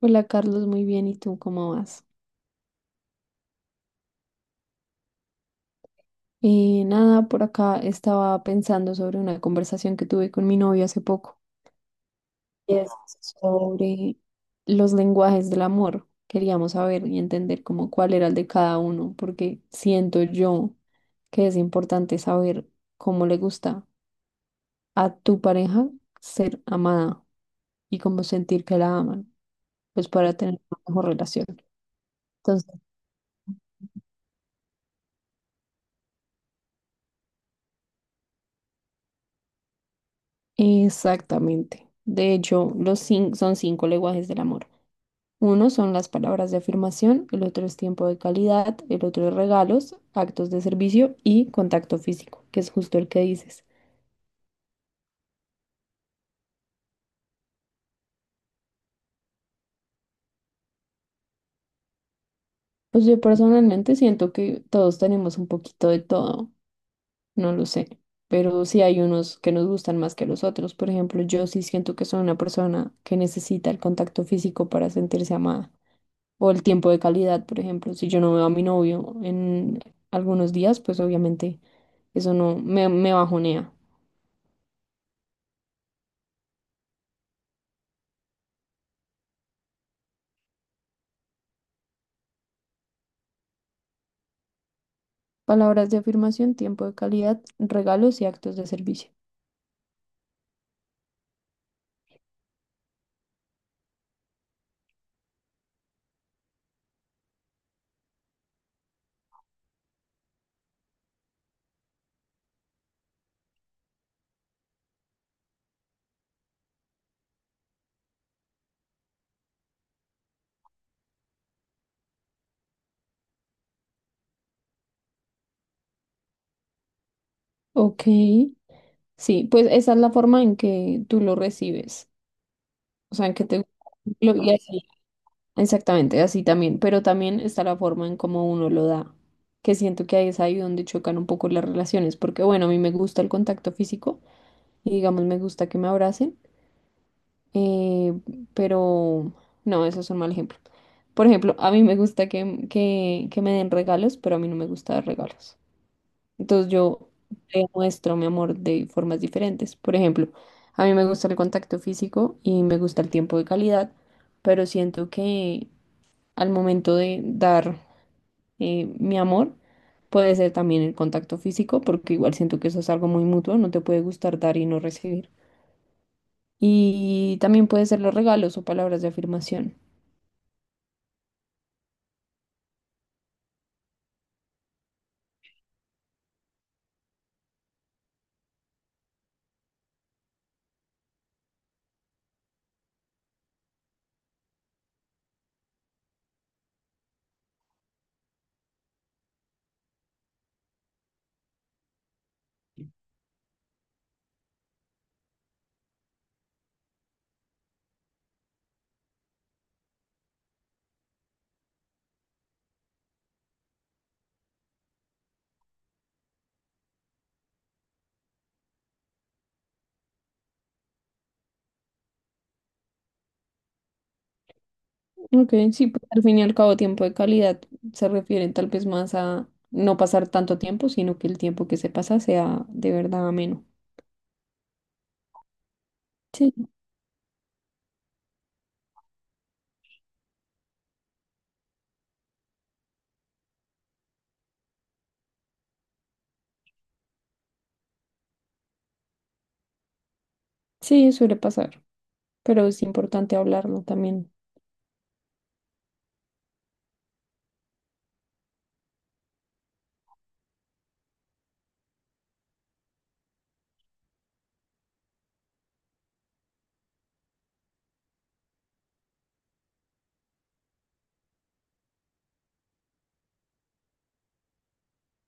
Hola Carlos, muy bien. ¿Y tú cómo vas? Nada, por acá estaba pensando sobre una conversación que tuve con mi novio hace poco, y es sobre los lenguajes del amor. Queríamos saber y entender cómo, cuál era el de cada uno, porque siento yo que es importante saber cómo le gusta a tu pareja ser amada y cómo sentir que la aman, pues para tener una mejor relación. Entonces, exactamente. De hecho, los son cinco lenguajes del amor. Uno son las palabras de afirmación, el otro es tiempo de calidad, el otro es regalos, actos de servicio y contacto físico, que es justo el que dices. Pues yo personalmente siento que todos tenemos un poquito de todo, no lo sé, pero sí hay unos que nos gustan más que los otros. Por ejemplo, yo sí siento que soy una persona que necesita el contacto físico para sentirse amada o el tiempo de calidad, por ejemplo. Si yo no veo a mi novio en algunos días, pues obviamente eso no me bajonea. Palabras de afirmación, tiempo de calidad, regalos y actos de servicio. Ok, sí, pues esa es la forma en que tú lo recibes, o sea, en que te gusta y así, exactamente, así también, pero también está la forma en cómo uno lo da, que siento que ahí es ahí donde chocan un poco las relaciones, porque bueno, a mí me gusta el contacto físico y digamos me gusta que me abracen, eh, pero no, eso es un mal ejemplo. Por ejemplo, a mí me gusta que me den regalos, pero a mí no me gusta dar regalos. Entonces yo te muestro mi amor de formas diferentes. Por ejemplo, a mí me gusta el contacto físico y me gusta el tiempo de calidad, pero siento que al momento de dar mi amor puede ser también el contacto físico, porque igual siento que eso es algo muy mutuo, no te puede gustar dar y no recibir. Y también puede ser los regalos o palabras de afirmación. Ok, sí, pues al fin y al cabo tiempo de calidad se refiere tal vez más a no pasar tanto tiempo, sino que el tiempo que se pasa sea de verdad ameno. Sí, sí, suele pasar, pero es importante hablarlo también.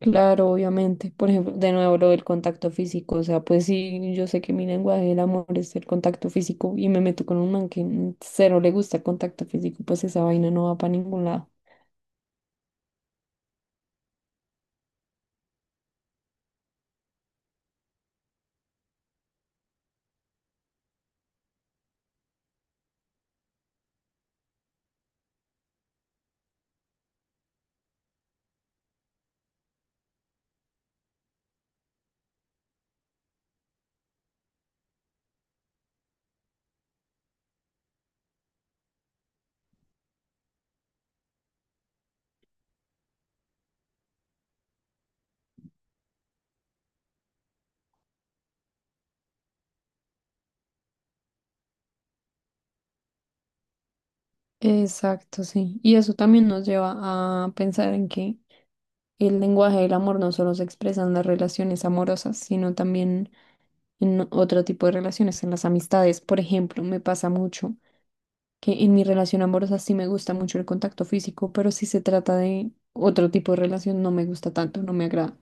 Claro, obviamente. Por ejemplo, de nuevo lo del contacto físico, o sea, pues sí, yo sé que mi lenguaje del amor es el contacto físico y me meto con un man que cero le gusta el contacto físico, pues esa vaina no va para ningún lado. Exacto, sí. Y eso también nos lleva a pensar en que el lenguaje del amor no solo se expresa en las relaciones amorosas, sino también en otro tipo de relaciones, en las amistades. Por ejemplo, me pasa mucho que en mi relación amorosa sí me gusta mucho el contacto físico, pero si se trata de otro tipo de relación no me gusta tanto, no me agrada.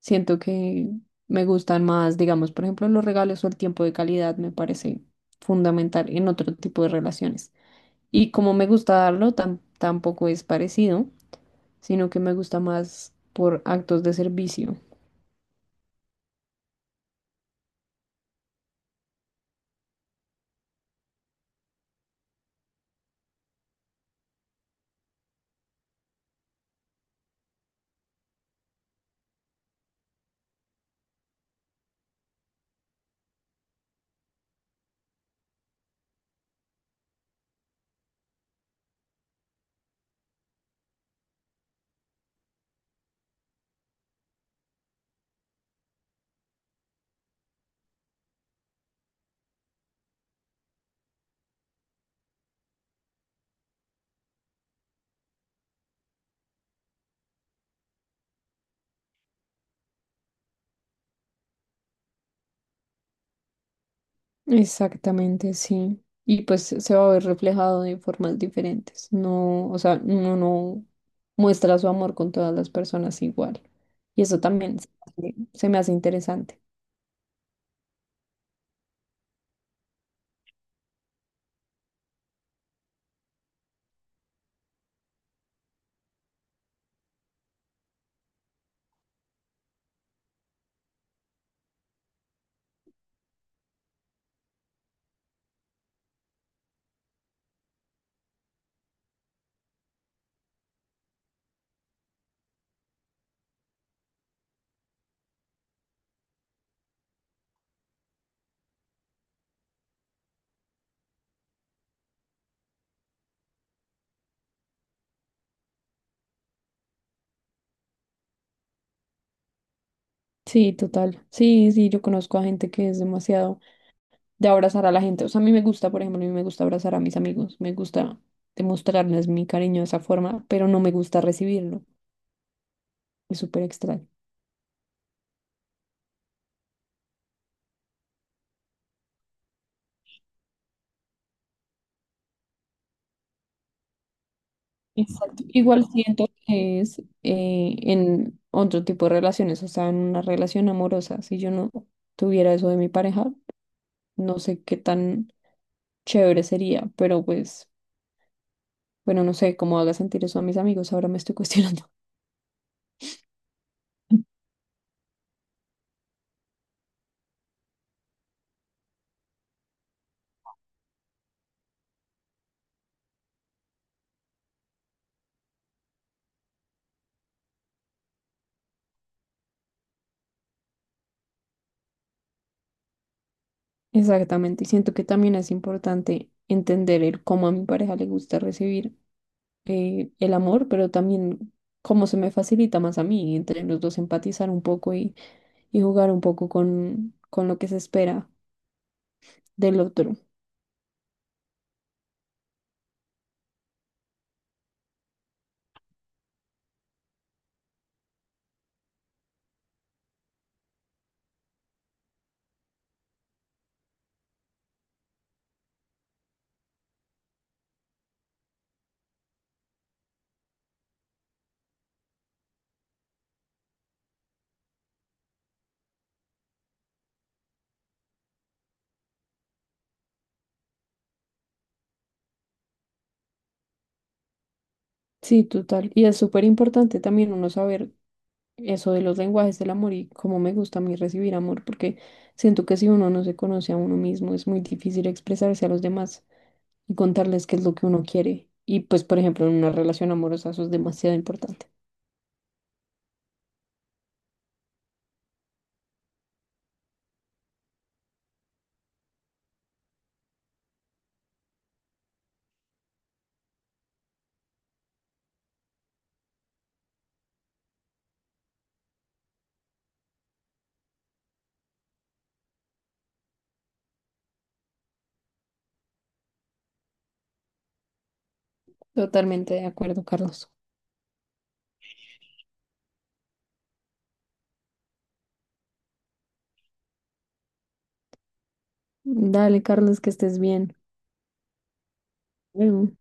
Siento que me gustan más, digamos, por ejemplo, los regalos, o el tiempo de calidad me parece fundamental en otro tipo de relaciones. Y como me gusta darlo, tampoco es parecido, sino que me gusta más por actos de servicio. Exactamente, sí. Y pues se va a ver reflejado de formas diferentes. No, o sea, uno no muestra su amor con todas las personas igual. Y eso también se me hace interesante. Sí, total. Sí, sí, yo conozco a gente que es demasiado de abrazar a la gente. O sea, a mí me gusta, por ejemplo, a mí me gusta abrazar a mis amigos. Me gusta demostrarles mi cariño de esa forma, pero no me gusta recibirlo. Es súper extraño. Exacto. Igual siento que es en otro tipo de relaciones, o sea, en una relación amorosa. Si yo no tuviera eso de mi pareja, no sé qué tan chévere sería, pero pues, bueno, no sé cómo haga sentir eso a mis amigos, ahora me estoy cuestionando. Exactamente, y siento que también es importante entender el cómo a mi pareja le gusta recibir el amor, pero también cómo se me facilita más a mí, entre los dos empatizar un poco y jugar un poco con lo que se espera del otro. Sí, total. Y es súper importante también uno saber eso de los lenguajes del amor y cómo me gusta a mí recibir amor, porque siento que si uno no se conoce a uno mismo, es muy difícil expresarse a los demás y contarles qué es lo que uno quiere. Y pues, por ejemplo, en una relación amorosa eso es demasiado importante. Totalmente de acuerdo, Carlos. Dale, Carlos, que estés bien. Bueno.